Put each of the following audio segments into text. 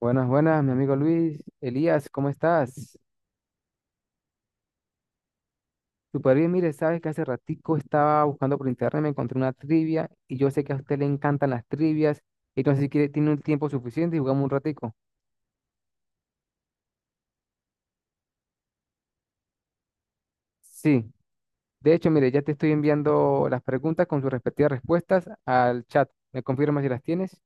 Buenas, buenas, mi amigo Luis. Elías, ¿cómo estás? Súper bien, mire, sabes que hace ratico estaba buscando por internet, me encontré una trivia y yo sé que a usted le encantan las trivias, entonces si quiere, tiene un tiempo suficiente y jugamos un ratico. Sí, de hecho, mire, ya te estoy enviando las preguntas con sus respectivas respuestas al chat. ¿Me confirmas si las tienes?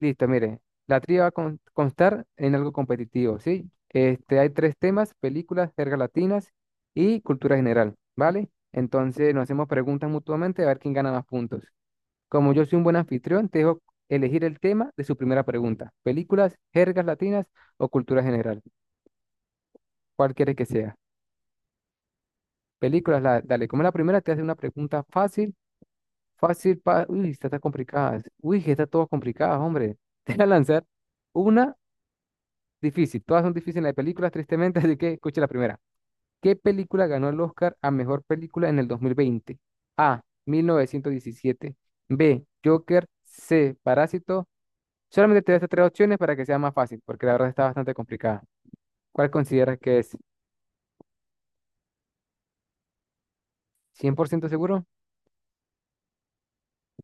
Listo, mire, la trivia va a constar en algo competitivo, ¿sí? Este, hay tres temas, películas, jergas latinas y cultura general, ¿vale? Entonces nos hacemos preguntas mutuamente a ver quién gana más puntos. Como yo soy un buen anfitrión, te dejo elegir el tema de su primera pregunta. Películas, jergas latinas o cultura general, ¿cuál quieres que sea? Películas, dale, como es la primera, te hace una pregunta fácil, fácil, uy, estas están complicadas. Uy, que están todas complicadas, hombre. Te voy a lanzar una difícil, todas son difíciles de películas, tristemente, así que escuche la primera. ¿Qué película ganó el Oscar a mejor película en el 2020? A, 1917. B, Joker. C, Parásito. Solamente te doy estas tres opciones para que sea más fácil, porque la verdad está bastante complicada. ¿Cuál consideras que es? ¿100% seguro?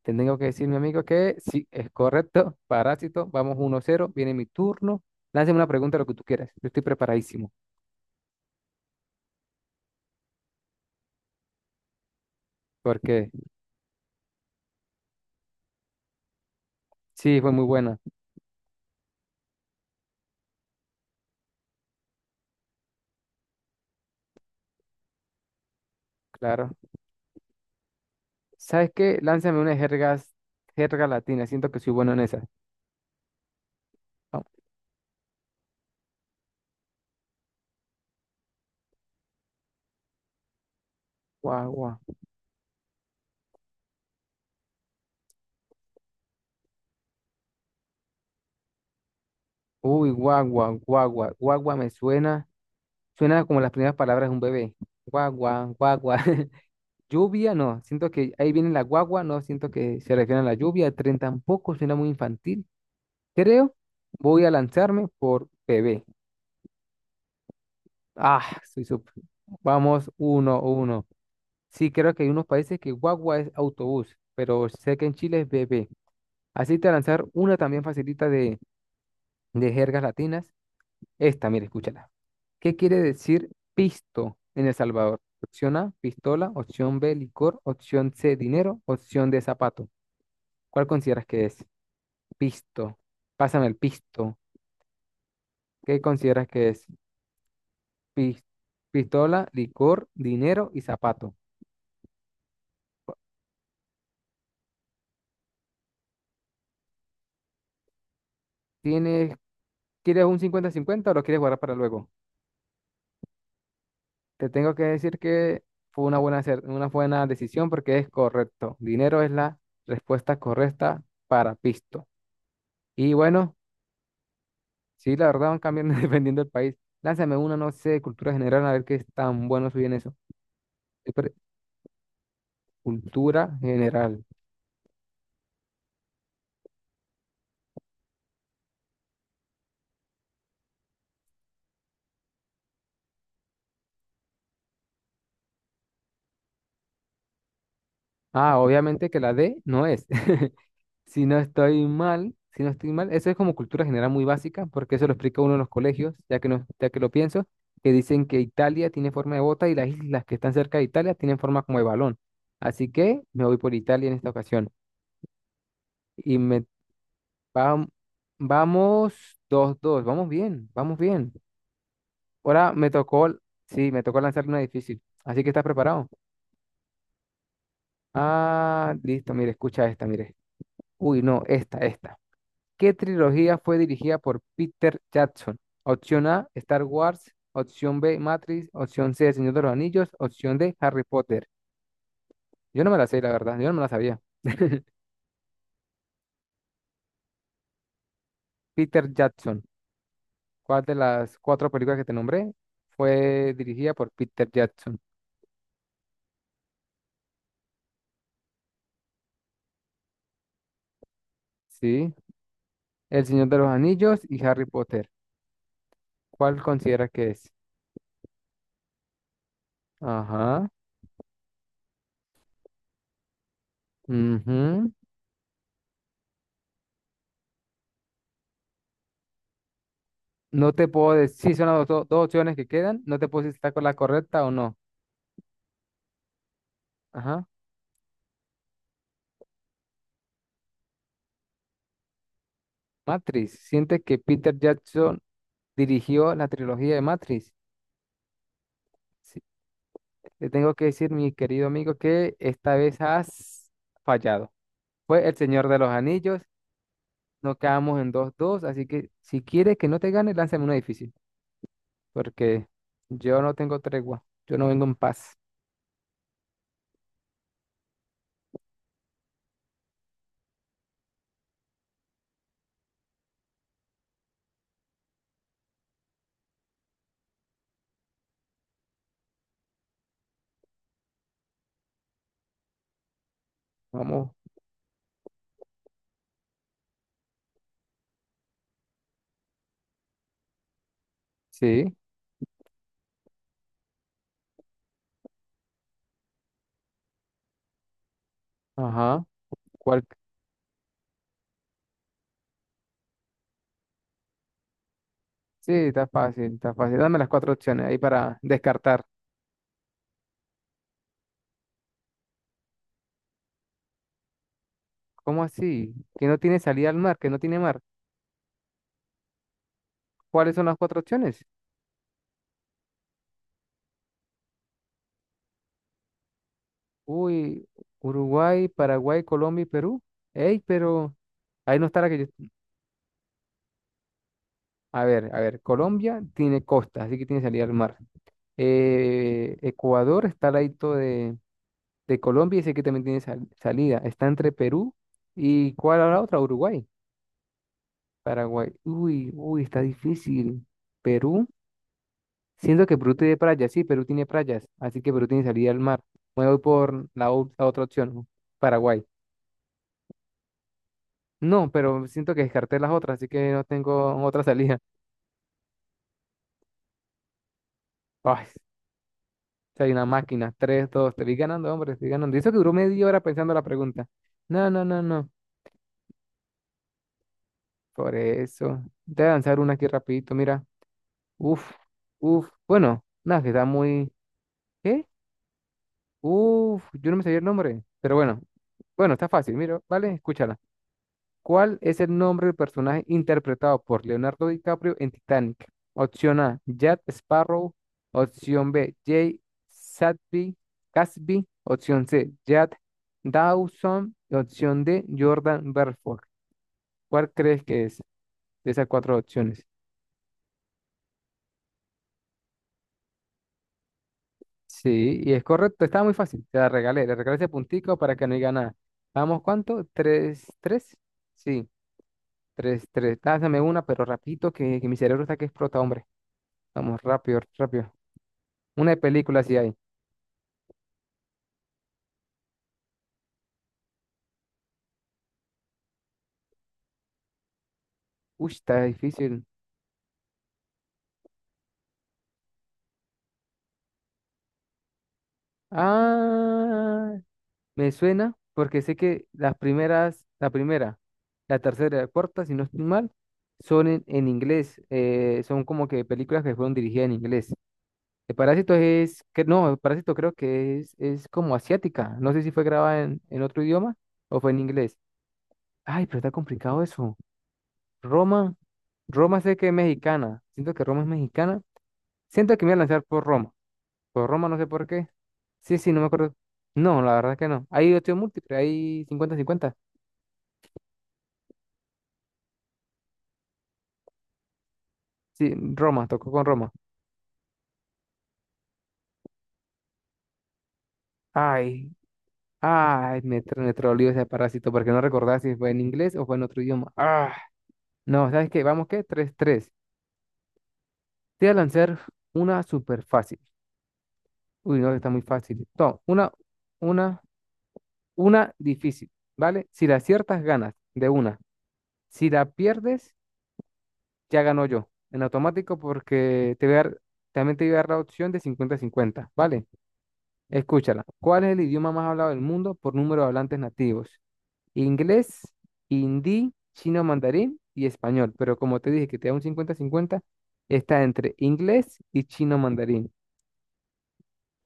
Te tengo que decir, mi amigo, que sí, es correcto. Parásito, vamos 1-0, viene mi turno. Lánzame una pregunta, lo que tú quieras. Yo estoy preparadísimo, porque sí, fue muy buena, claro. ¿Sabes qué? Lánzame una jerga, jerga latina. Siento que soy bueno en esas. Ah, guagua. Uy, guagua, guagua. Guagua me suena. Suena como las primeras palabras de un bebé. Guagua, guagua. Lluvia, no. Siento que ahí viene la guagua. No siento que se refiere a la lluvia. El tren tampoco suena muy infantil. Creo. Voy a lanzarme por bebé. Ah, soy sup- Vamos, 1-1. Sí, creo que hay unos países que guagua es autobús, pero sé que en Chile es bebé. Así te voy a lanzar una también facilita de, jergas latinas. Esta, mira, escúchala. ¿Qué quiere decir pisto en El Salvador? Opción A, pistola. Opción B, licor. Opción C, dinero. Opción D, zapato. ¿Cuál consideras que es? Pisto. Pásame el pisto. ¿Qué consideras que es? Pis- Pistola, licor, dinero y zapato. ¿Tienes, quieres un 50-50 o lo quieres guardar para luego? Te tengo que decir que fue una buena, una buena decisión porque es correcto. Dinero es la respuesta correcta para pisto. Y bueno, sí, la verdad van cambiando dependiendo del país. Lánzame una, no sé, cultura general, a ver qué es tan bueno soy en eso. Espera, cultura general. Ah, obviamente que la D no es. Si no estoy mal, si no estoy mal, eso es como cultura general muy básica, porque eso lo explica uno en los colegios, ya que, no, ya que lo pienso, que dicen que Italia tiene forma de bota y las islas que están cerca de Italia tienen forma como de balón. Así que me voy por Italia en esta ocasión. Y me vam- vamos 2-2, vamos bien, vamos bien. Ahora me tocó, sí, me tocó lanzar una difícil. Así que estás preparado. Ah, listo, mire, escucha esta, mire. Uy, no, esta, esta. ¿Qué trilogía fue dirigida por Peter Jackson? Opción A, Star Wars. Opción B, Matrix. Opción C, El Señor de los Anillos. Opción D, Harry Potter. Yo no me la sé, la verdad. Yo no me la sabía. Peter Jackson. ¿Cuál de las cuatro películas que te nombré fue dirigida por Peter Jackson? Sí. El Señor de los Anillos y Harry Potter. ¿Cuál consideras que es? Ajá. Ujú. No te puedo decir, sí, son las dos opciones que quedan. No te puedo decir si está con la correcta o no. Ajá. Matrix. ¿Sientes que Peter Jackson dirigió la trilogía de Matrix? Sí, te tengo que decir, mi querido amigo, que esta vez has fallado. Fue El Señor de los Anillos, no, quedamos en dos dos, así que si quieres que no te gane, lánzame una difícil, porque yo no tengo tregua, yo no vengo en paz. Vamos, sí, ajá, ¿cuál? Sí, está fácil, está fácil. Dame las cuatro opciones ahí para descartar. ¿Cómo así? ¿Que no tiene salida al mar? ¿Que no tiene mar? ¿Cuáles son las cuatro opciones? Uy, Uruguay, Paraguay, Colombia y Perú. Ey, pero ahí no está la que yo... a ver, Colombia tiene costa, así que tiene salida al mar. Ecuador está al ladito de Colombia y sé que también tiene salida. Está entre Perú y ¿cuál era la otra? Uruguay, Paraguay. Uy, uy, está difícil. Perú, siento que Perú tiene playas, sí, Perú tiene playas, así que Perú tiene salida al mar. Me voy por la, la otra opción, Paraguay. No, pero siento que descarté las otras, así que no tengo otra salida. Ay, si una máquina. 3-2. Te vi ganando, hombre, estoy ganando. Y eso que duró media hora pensando la pregunta. No, no, no, no. Por eso. Te voy a lanzar una aquí rapidito, mira. Uf, uf. Bueno, nada, que está muy... ¿Qué? Uf, yo no me sabía el nombre. Pero bueno, bueno, está fácil, mira, ¿vale? Escúchala. ¿Cuál es el nombre del personaje interpretado por Leonardo DiCaprio en Titanic? Opción A, Jack Sparrow. Opción B, Jay Sadby, Casby. Opción C, Jack Dawson. Opción D, Jordan Belfort. ¿Cuál crees que es de esas cuatro opciones? Sí, y es correcto, estaba muy fácil. Te la regalé, le regalé ese puntico para que no diga nada. Vamos, ¿cuánto? ¿3-3? Sí, 3-3. Dásame una, pero rapidito, que mi cerebro está que explota, hombre. Vamos, rápido, rápido. Una de película sí hay. Uy, está difícil. Ah, me suena porque sé que las primeras, la primera, la tercera y la cuarta, si no estoy mal, son en inglés. Son como que películas que fueron dirigidas en inglés. El Parásito es, que no, el Parásito creo que es como asiática. No sé si fue grabada en otro idioma o fue en inglés. Ay, pero está complicado eso. Roma, Roma sé que es mexicana. Siento que Roma es mexicana. Siento que me voy a lanzar por Roma. Por Roma, no sé por qué. Sí, sí, no me acuerdo. No, la verdad que no. Hay opción múltiple, hay 50-50. Sí, Roma, tocó con Roma. Ay, ay, me troleó ese parásito porque no recordaba si fue en inglés o fue en otro idioma. Ah, no, ¿sabes qué? Vamos, qué 3-3. Te voy a lanzar una súper fácil. Uy, no, está muy fácil. No, una, una difícil, ¿vale? Si la aciertas, ganas de una. Si la pierdes, ya ganó yo en automático, porque te voy a dar, también te voy a dar la opción de 50-50, ¿vale? Escúchala. ¿Cuál es el idioma más hablado del mundo por número de hablantes nativos? Inglés, hindi, chino mandarín y español. Pero como te dije que te da un 50-50, está entre inglés y chino mandarín.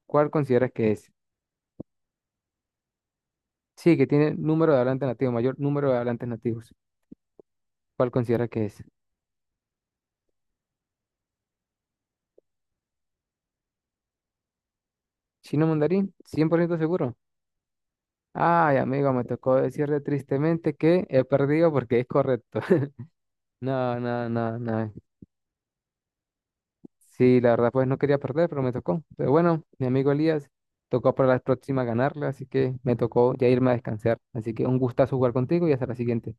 ¿Cuál consideras que es? Sí, que tiene número de hablantes nativos, mayor número de hablantes nativos. ¿Cuál consideras que es? ¿Chino mandarín? ¿100% seguro? Ay, amigo, me tocó decirle tristemente que he perdido porque es correcto. No, no, no, no. Sí, la verdad, pues no quería perder, pero me tocó. Pero bueno, mi amigo Elías, tocó para la próxima ganarle, así que me tocó ya irme a descansar. Así que un gustazo jugar contigo y hasta la siguiente.